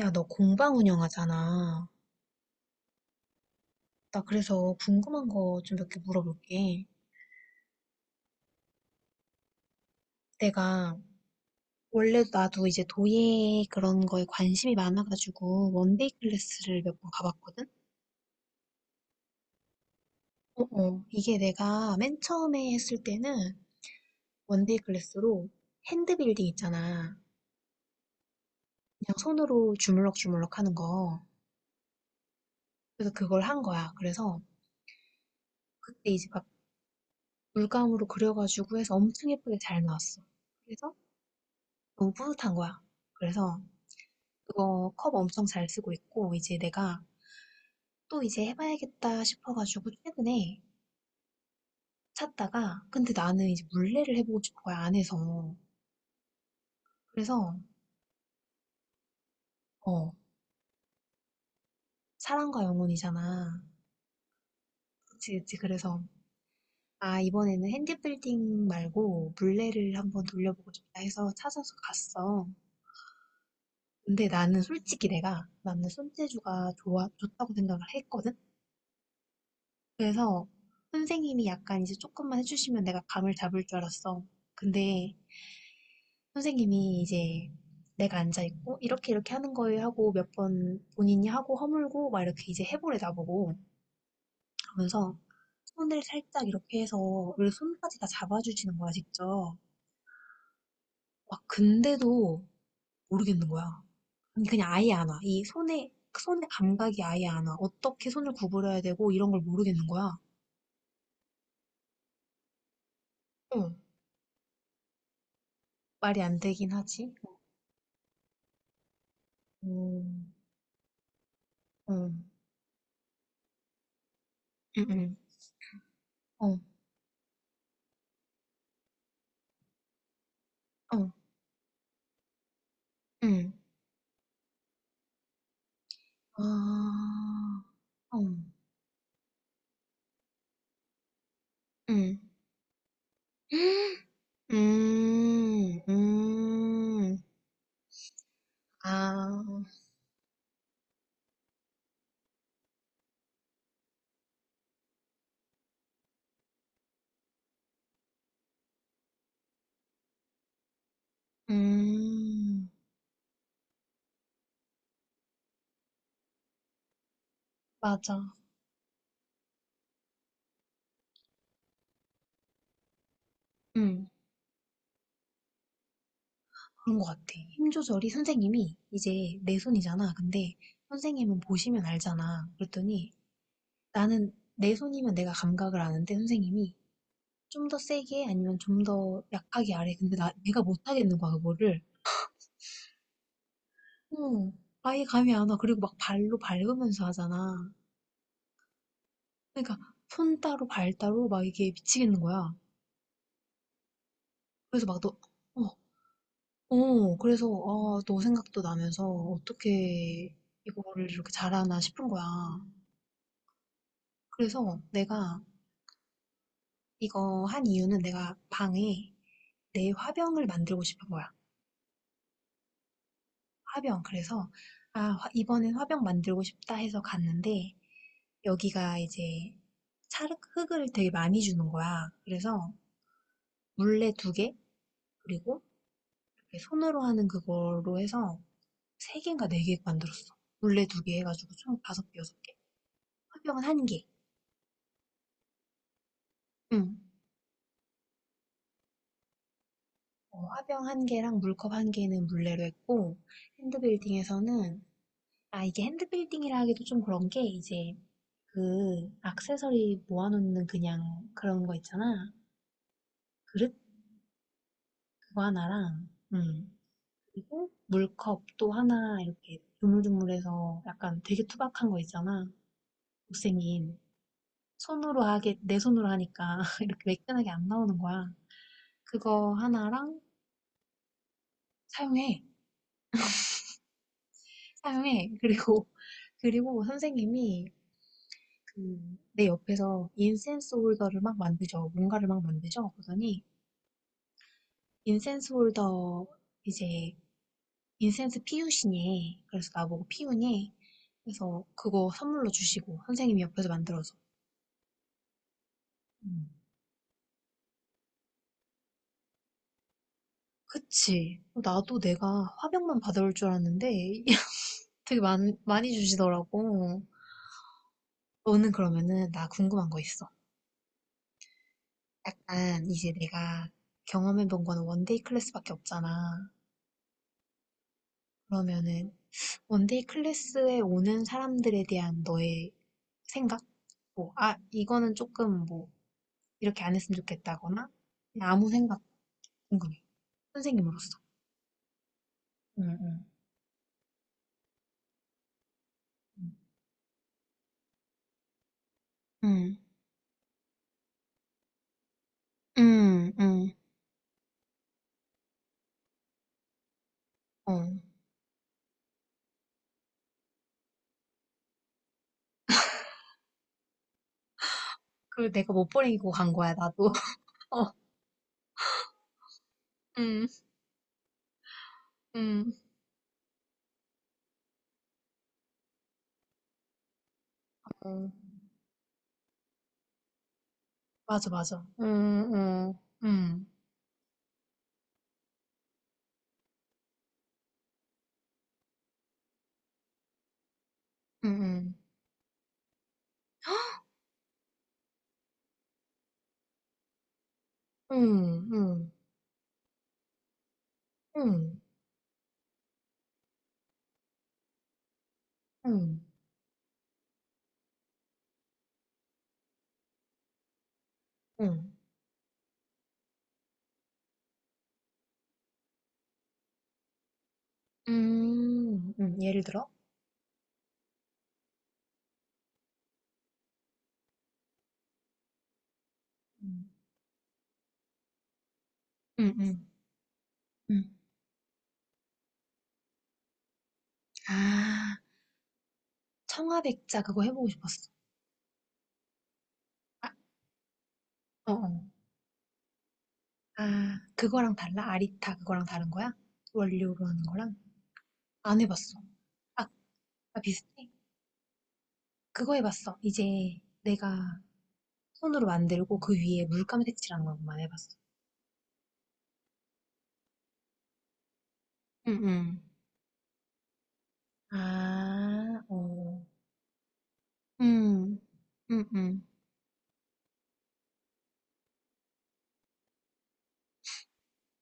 야, 너 공방 운영하잖아. 나 그래서 궁금한 거 좀 몇 개 물어볼게. 내가 원래 나도 이제 도예 그런 거에 관심이 많아가지고 원데이 클래스를 몇 번 가봤거든? 어어. 이게 내가 맨 처음에 했을 때는 원데이 클래스로 핸드빌딩 있잖아. 그냥 손으로 주물럭주물럭 하는 거. 그래서 그걸 한 거야. 그래서 그때 이제 막 물감으로 그려가지고 해서 엄청 예쁘게 잘 나왔어. 그래서 너무 뿌듯한 거야. 그래서 그거 컵 엄청 잘 쓰고 있고, 이제 내가 또 이제 해봐야겠다 싶어가지고 최근에 샀다가, 근데 나는 이제 물레를 해보고 싶은 거야, 안에서. 그래서 어 사랑과 영혼이잖아. 그치 그치. 그래서 아, 이번에는 핸디빌딩 말고 물레를 한번 돌려보고 싶다 해서 찾아서 갔어. 근데 나는 솔직히 내가, 나는 손재주가 좋아 좋다고 생각을 했거든. 그래서 선생님이 약간 이제 조금만 해주시면 내가 감을 잡을 줄 알았어. 근데 선생님이 이제, 내가 앉아있고, 이렇게 이렇게 하는 거예요 하고 몇 번 본인이 하고 허물고 막 이렇게 이제 해보래, 나보고. 하면서 손을 살짝 이렇게 해서, 원래 손까지 다 잡아주시는 거야, 직접. 막 근데도 모르겠는 거야. 아니, 그냥 아예 안 와. 이 손에, 그 손의 감각이 아예 안 와. 어떻게 손을 구부려야 되고, 이런 걸 모르겠는 거야. 응. 말이 안 되긴 하지. 음, 음, 음, 음, 어, 어, 음. 아, 어. 음. 음, 음. 아, 음, 맞아. 음. 그런 것 같아. 힘 조절이, 선생님이 이제 내 손이잖아. 근데 선생님은 보시면 알잖아. 그랬더니, 나는 내 손이면 내가 감각을 아는데, 선생님이 좀 더 세게 아니면 좀 더 약하게 아래. 근데 내가 못 하겠는 거야, 그거를. 어, 아예 감이 안 와. 그리고 막 발로 밟으면서 하잖아. 그러니까 손 따로 발 따로 막 이게 미치겠는 거야. 그래서 막 너, 어, 어, 그래서, 아, 너 생각도 나면서 어떻게 이거를 이렇게 잘하나 싶은 거야. 그래서 내가 이거 한 이유는, 내가 방에 내 화병을 만들고 싶은 거야. 화병. 그래서, 아, 이번엔 화병 만들고 싶다 해서 갔는데, 여기가 이제 찰흙, 흙을 되게 많이 주는 거야. 그래서 물레 두 개, 그리고 이렇게 손으로 하는 그걸로 해서 세 개인가 네 개 만들었어. 물레 두 개 해가지고 총 다섯 개, 여섯 개. 화병 한 개. 응. 어, 화병 한 개랑 물컵 한 개는 물레로 했고, 핸드빌딩에서는, 아, 이게 핸드빌딩이라 하기도 좀 그런 게, 이제, 그, 액세서리 모아놓는 그냥 그런 거 있잖아. 그릇? 그거 하나랑, 그리고 물컵 또 하나, 이렇게, 조물조물해서 약간 되게 투박한 거 있잖아. 못생긴. 손으로 하게, 내 손으로 하니까, 이렇게 매끈하게 안 나오는 거야. 그거 하나랑. 사용해. 사용해. 그리고, 그리고 선생님이, 그, 내 옆에서 인센스 홀더를 막 만드죠. 뭔가를 막 만드죠. 그러더니, 인센스 홀더, 이제, 인센스 피우시니. 그래서 나보고 피우니. 그래서 그거 선물로 주시고, 선생님이 옆에서 만들어서. 음. 그치. 나도 내가 화병만 받아올 줄 알았는데, 되게 많이 주시더라고. 너는 그러면은, 나 궁금한 거 있어. 약간 이제 내가 경험해 본 거는 원데이 클래스밖에 없잖아. 그러면은 원데이 클래스에 오는 사람들에 대한 너의 생각? 뭐, 아, 이거는 조금 뭐 이렇게 안 했으면 좋겠다거나 그냥 아무 생각, 궁금해. 선생님으로서. 응, 응. 응, 응, 응, 응. 어. 그 내가 못 버리고 간 거야, 나도. 어, 응, 응, 어. 맞아, 맞아. 응, 응, 응, 응, 응, 응, 응. 응, 응, 응. 예를 들어? 응, 응, 응. 응. 아, 청아백자 그거 해보고 싶었어. 아, 어, 어. 아, 그거랑 달라? 아리타 그거랑 다른 거야? 원료로 하는 거랑? 안 해봤어. 아, 아, 비슷해? 그거 해봤어. 이제 내가 손으로 만들고 그 위에 물감 색칠하는 것만 해봤어. 응, 응. 응, 응. 응, 응, 응. 아, 어. 음, 음, 음.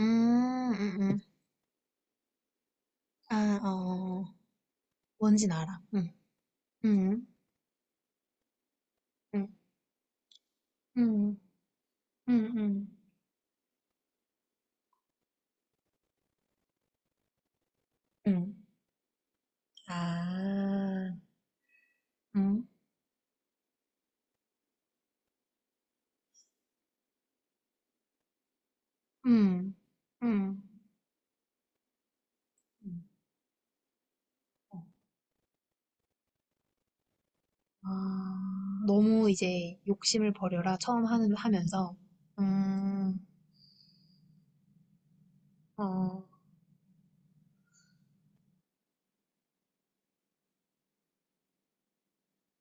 음, 음, 음. 아, 어. 뭔진 알아. 응. 응. 응. 응. 응. 응. 응. 아, 응. 응. 응. 응. 어. 아, 너무 이제 욕심을 버려라. 처음 하는 하면서. 음. 어.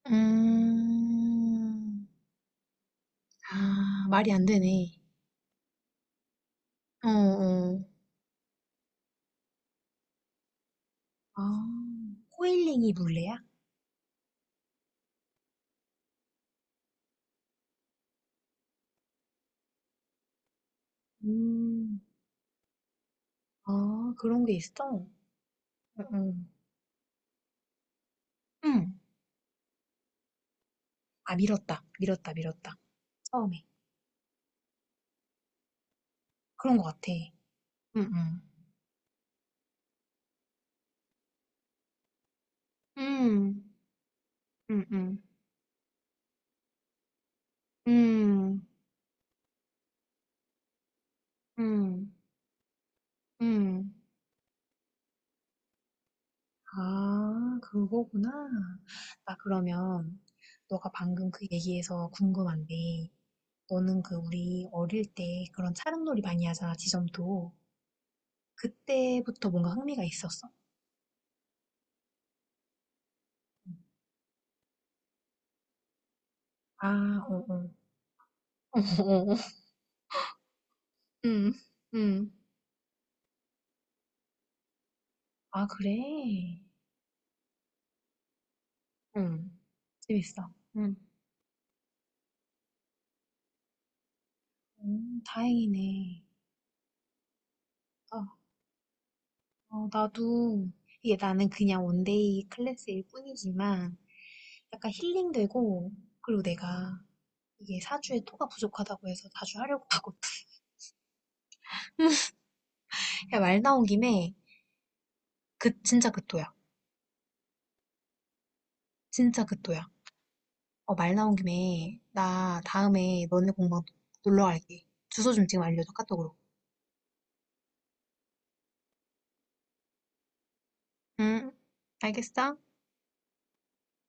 음. 아, 말이 안 되네. 어, 어. 아, 코일링이 물레야? 음, 아, 그런 게 있어. 응. 응. 응. 아, 밀었다. 밀었다. 밀었다. 처음에. 그런 것 같아. 음, 음, 음, 음, 음, 음, 음. 응. 아, 그거구나. 나 그러면, 너가 방금 그 얘기에서 궁금한데, 너는 그 우리 어릴 때 그런 차량놀이 많이 하잖아, 지점도. 그때부터 뭔가 흥미가 있었어. 아, 어, 어. 어, 응응. 아, 그래? 응. 재밌어. 응. 다행이네. 아, 어, 나도, 이게 나는 그냥 원데이 클래스일 뿐이지만 약간 힐링되고, 그리고 내가 이게 사주에 토가 부족하다고 해서 자주 하려고 하고. 야, 말 나온 김에. 그 진짜 그 토야. 진짜 그 토야. 어, 말 나온 김에 나 다음에 너네 공방 놀러 갈게. 주소 좀 지금 알려줘, 카톡으로. 응. 알겠어?